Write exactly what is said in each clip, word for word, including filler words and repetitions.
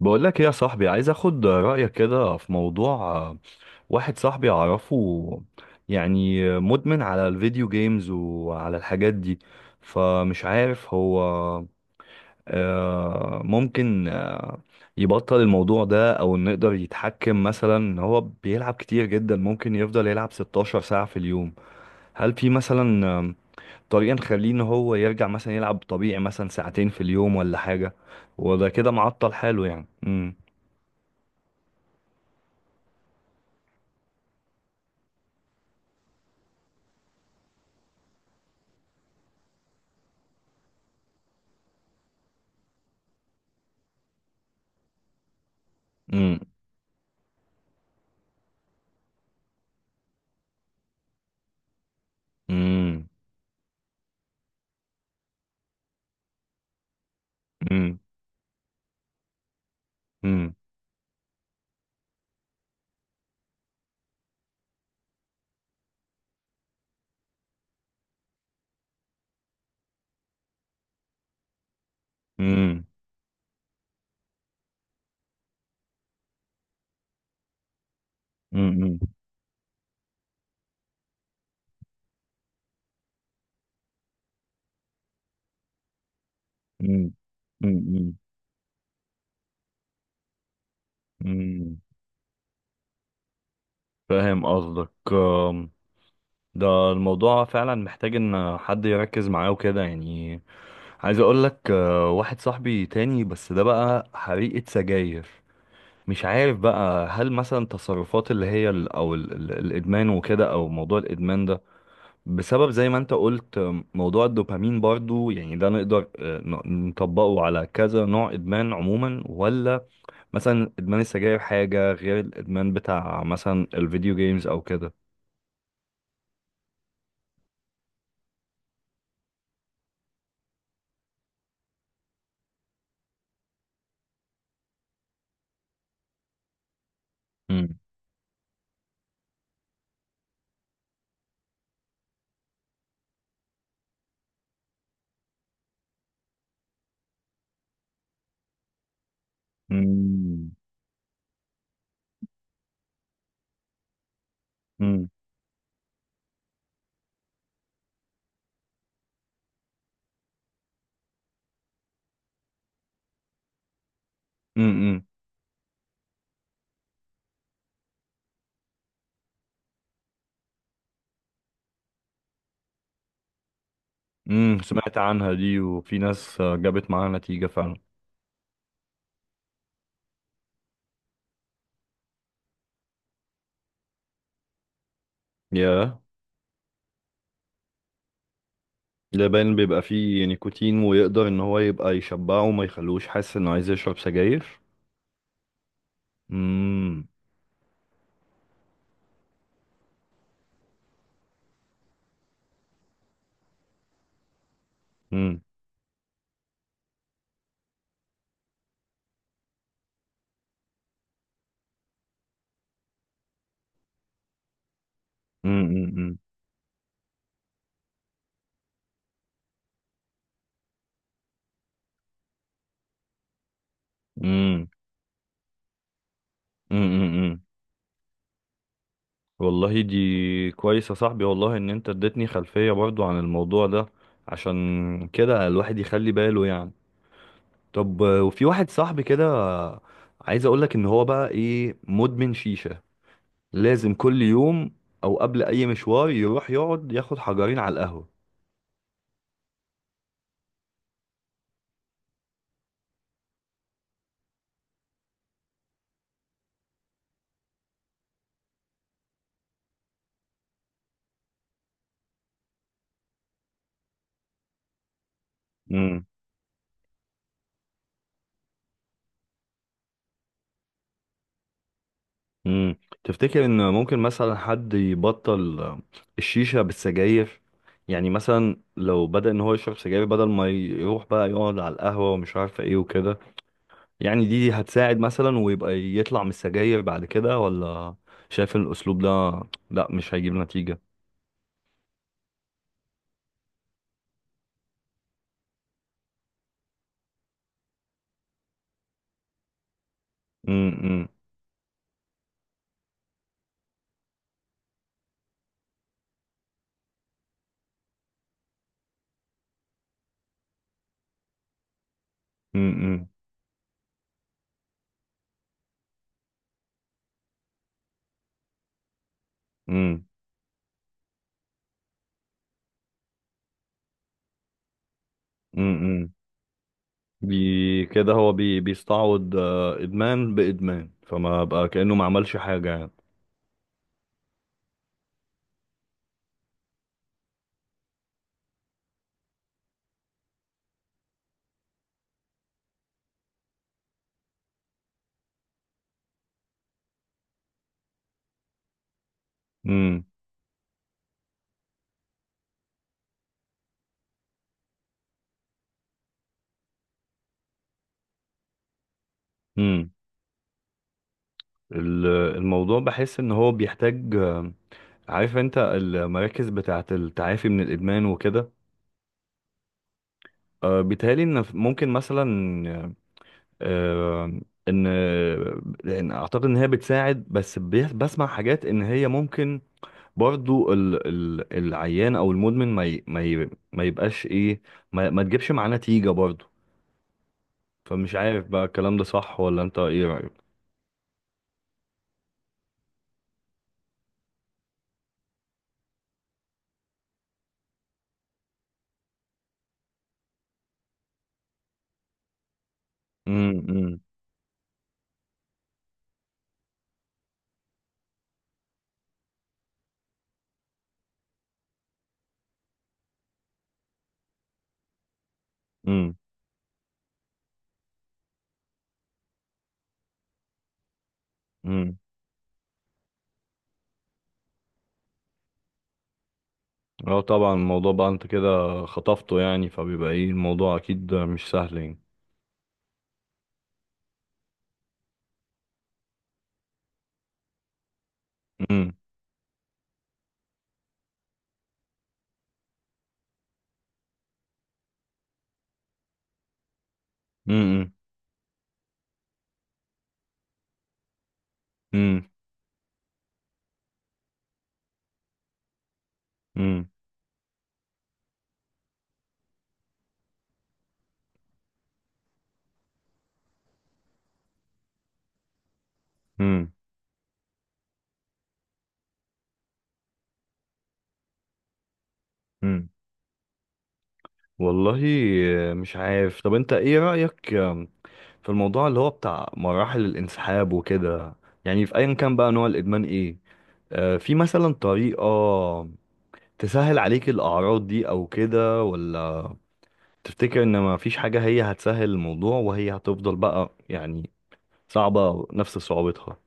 بقول لك ايه يا صاحبي، عايز اخد رأيك كده في موضوع. آه، واحد صاحبي اعرفه، يعني مدمن على الفيديو جيمز وعلى الحاجات دي. فمش عارف هو آه، ممكن آه، يبطل الموضوع ده، او انه يقدر يتحكم مثلا ان هو بيلعب كتير جدا، ممكن يفضل يلعب 16 ساعة في اليوم. هل في مثلا آه، طريقة نخليه ان هو يرجع مثلا يلعب طبيعي مثلا ساعتين في اليوم ولا حاجة؟ وده كده معطل حاله يعني. امم. امم. امم. امم. امم. امم. امم. امم. امم. فاهم قصدك. أم، ده الموضوع فعلا محتاج ان حد يركز معاه وكده يعني. عايز اقول لك، أه، واحد صاحبي تاني، بس ده بقى حريقة سجاير. مش عارف بقى، هل مثلا تصرفات اللي هي ال- او ال- ال- الادمان وكده، او موضوع الادمان ده بسبب زي ما انت قلت موضوع الدوبامين برضو؟ يعني ده نقدر آه، ن- نطبقه على كذا نوع ادمان عموما، ولا مثلا ادمان السجاير حاجة غير الادمان بتاع مثلا الفيديو جيمز او كده؟ امم. امم. امم. امم. امم سمعت عنها دي، وفي ناس آه، جابت معاها نتيجة فعلا. ياه. لبان بيبقى فيه نيكوتين، ويقدر ان هو يبقى يشبعه وما يخلوش حاسس انه عايز يشرب سجاير. امم امم. امم. امم. امم. امم، امم. والله دي كويس يا صاحبي، والله ان انت اديتني خلفية برضو عن الموضوع ده. عشان كده الواحد يخلي باله يعني. طب آه، وفي واحد صاحبي كده، عايز اقولك ان هو بقى ايه، مدمن شيشة. لازم كل يوم او قبل اي مشوار يروح يقعد ياخد حجرين على القهوة. امم. تفتكر ان ممكن مثلا حد يبطل الشيشة بالسجاير؟ يعني مثلا لو بدأ ان هو يشرب سجاير بدل ما يروح بقى يقعد على القهوة ومش عارفة ايه وكده، يعني دي هتساعد مثلا ويبقى يطلع من السجاير بعد كده، ولا شايف ان الاسلوب ده لا مش هيجيب نتيجة؟ امم. امم. امم. امم. بي كده هو بي بيستعوض آه، ادمان بادمان، فما بقى كأنه ما عملش حاجة يعني. امم. ال- الموضوع بحس ان هو بيحتاج. آه، عارف انت المراكز بتاعه التعافي من الادمان وكده؟ آه، بيتهيألي ان ممكن مثلا آه، ان لأن اعتقد ان هي بتساعد، بس بي- بسمع حاجات ان هي ممكن برضو ال ال العيان او المدمن ما ي- ما ي- ما يبقاش ايه، ما, ما تجيبش معاه نتيجة برضو. فمش عارف بقى الكلام ده صح، ولا انت ايه رأيك؟ امم. امم. اه، طبعا الموضوع بقى انت كده خطفته يعني، فبيبقى ايه الموضوع اكيد مش سهل يعني. امم. امم. امم. امم. امم. امم. والله مش عارف. طب انت ايه رأيك في الموضوع اللي هو بتاع مراحل الانسحاب وكده؟ يعني في ايا كان بقى نوع الادمان ايه، آه في مثلا طريقة تسهل عليك الاعراض دي او كده، ولا تفتكر ان ما فيش حاجة هي هتسهل الموضوع وهي هتفضل بقى يعني صعبة نفس صعوبتها؟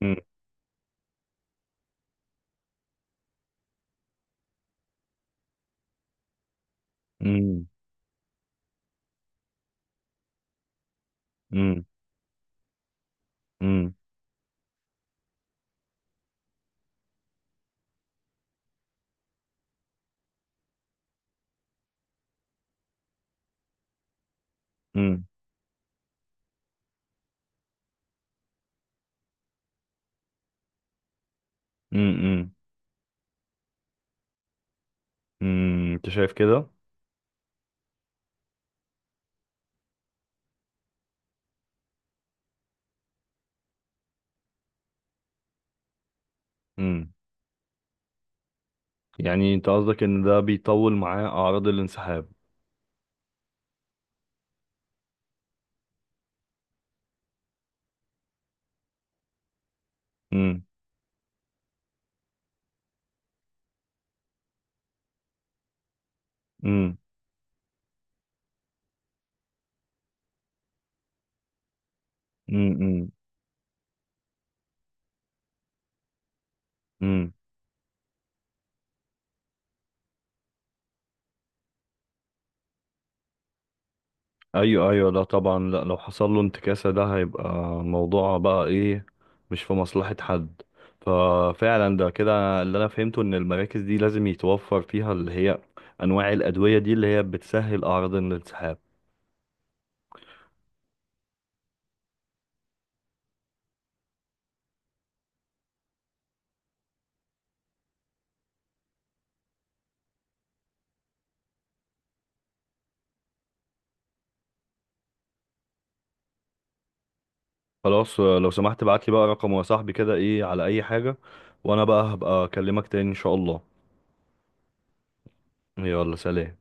مم. مم. مم. مم. مم. مم. مم، انت شايف كده؟ مم، يعني انت قصدك ان ده بيطول معاه اعراض الانسحاب؟ مم. مم. مم. مم. مم. ايوه ايوه، لا طبعا، لا، لو حصل له انتكاسة ده هيبقى موضوع بقى ايه مش في مصلحة حد. ففعلا ده كده اللي انا فهمته، ان المراكز دي لازم يتوفر فيها اللي هي انواع الادوية دي اللي هي بتسهل اعراض الانسحاب. خلاص آه، لو سمحت ابعت لي بقى رقمه يا صاحبي كده، ايه على اي حاجة. وانا بقى هبقى اكلمك تاني ان شاء الله. يلا، سلام.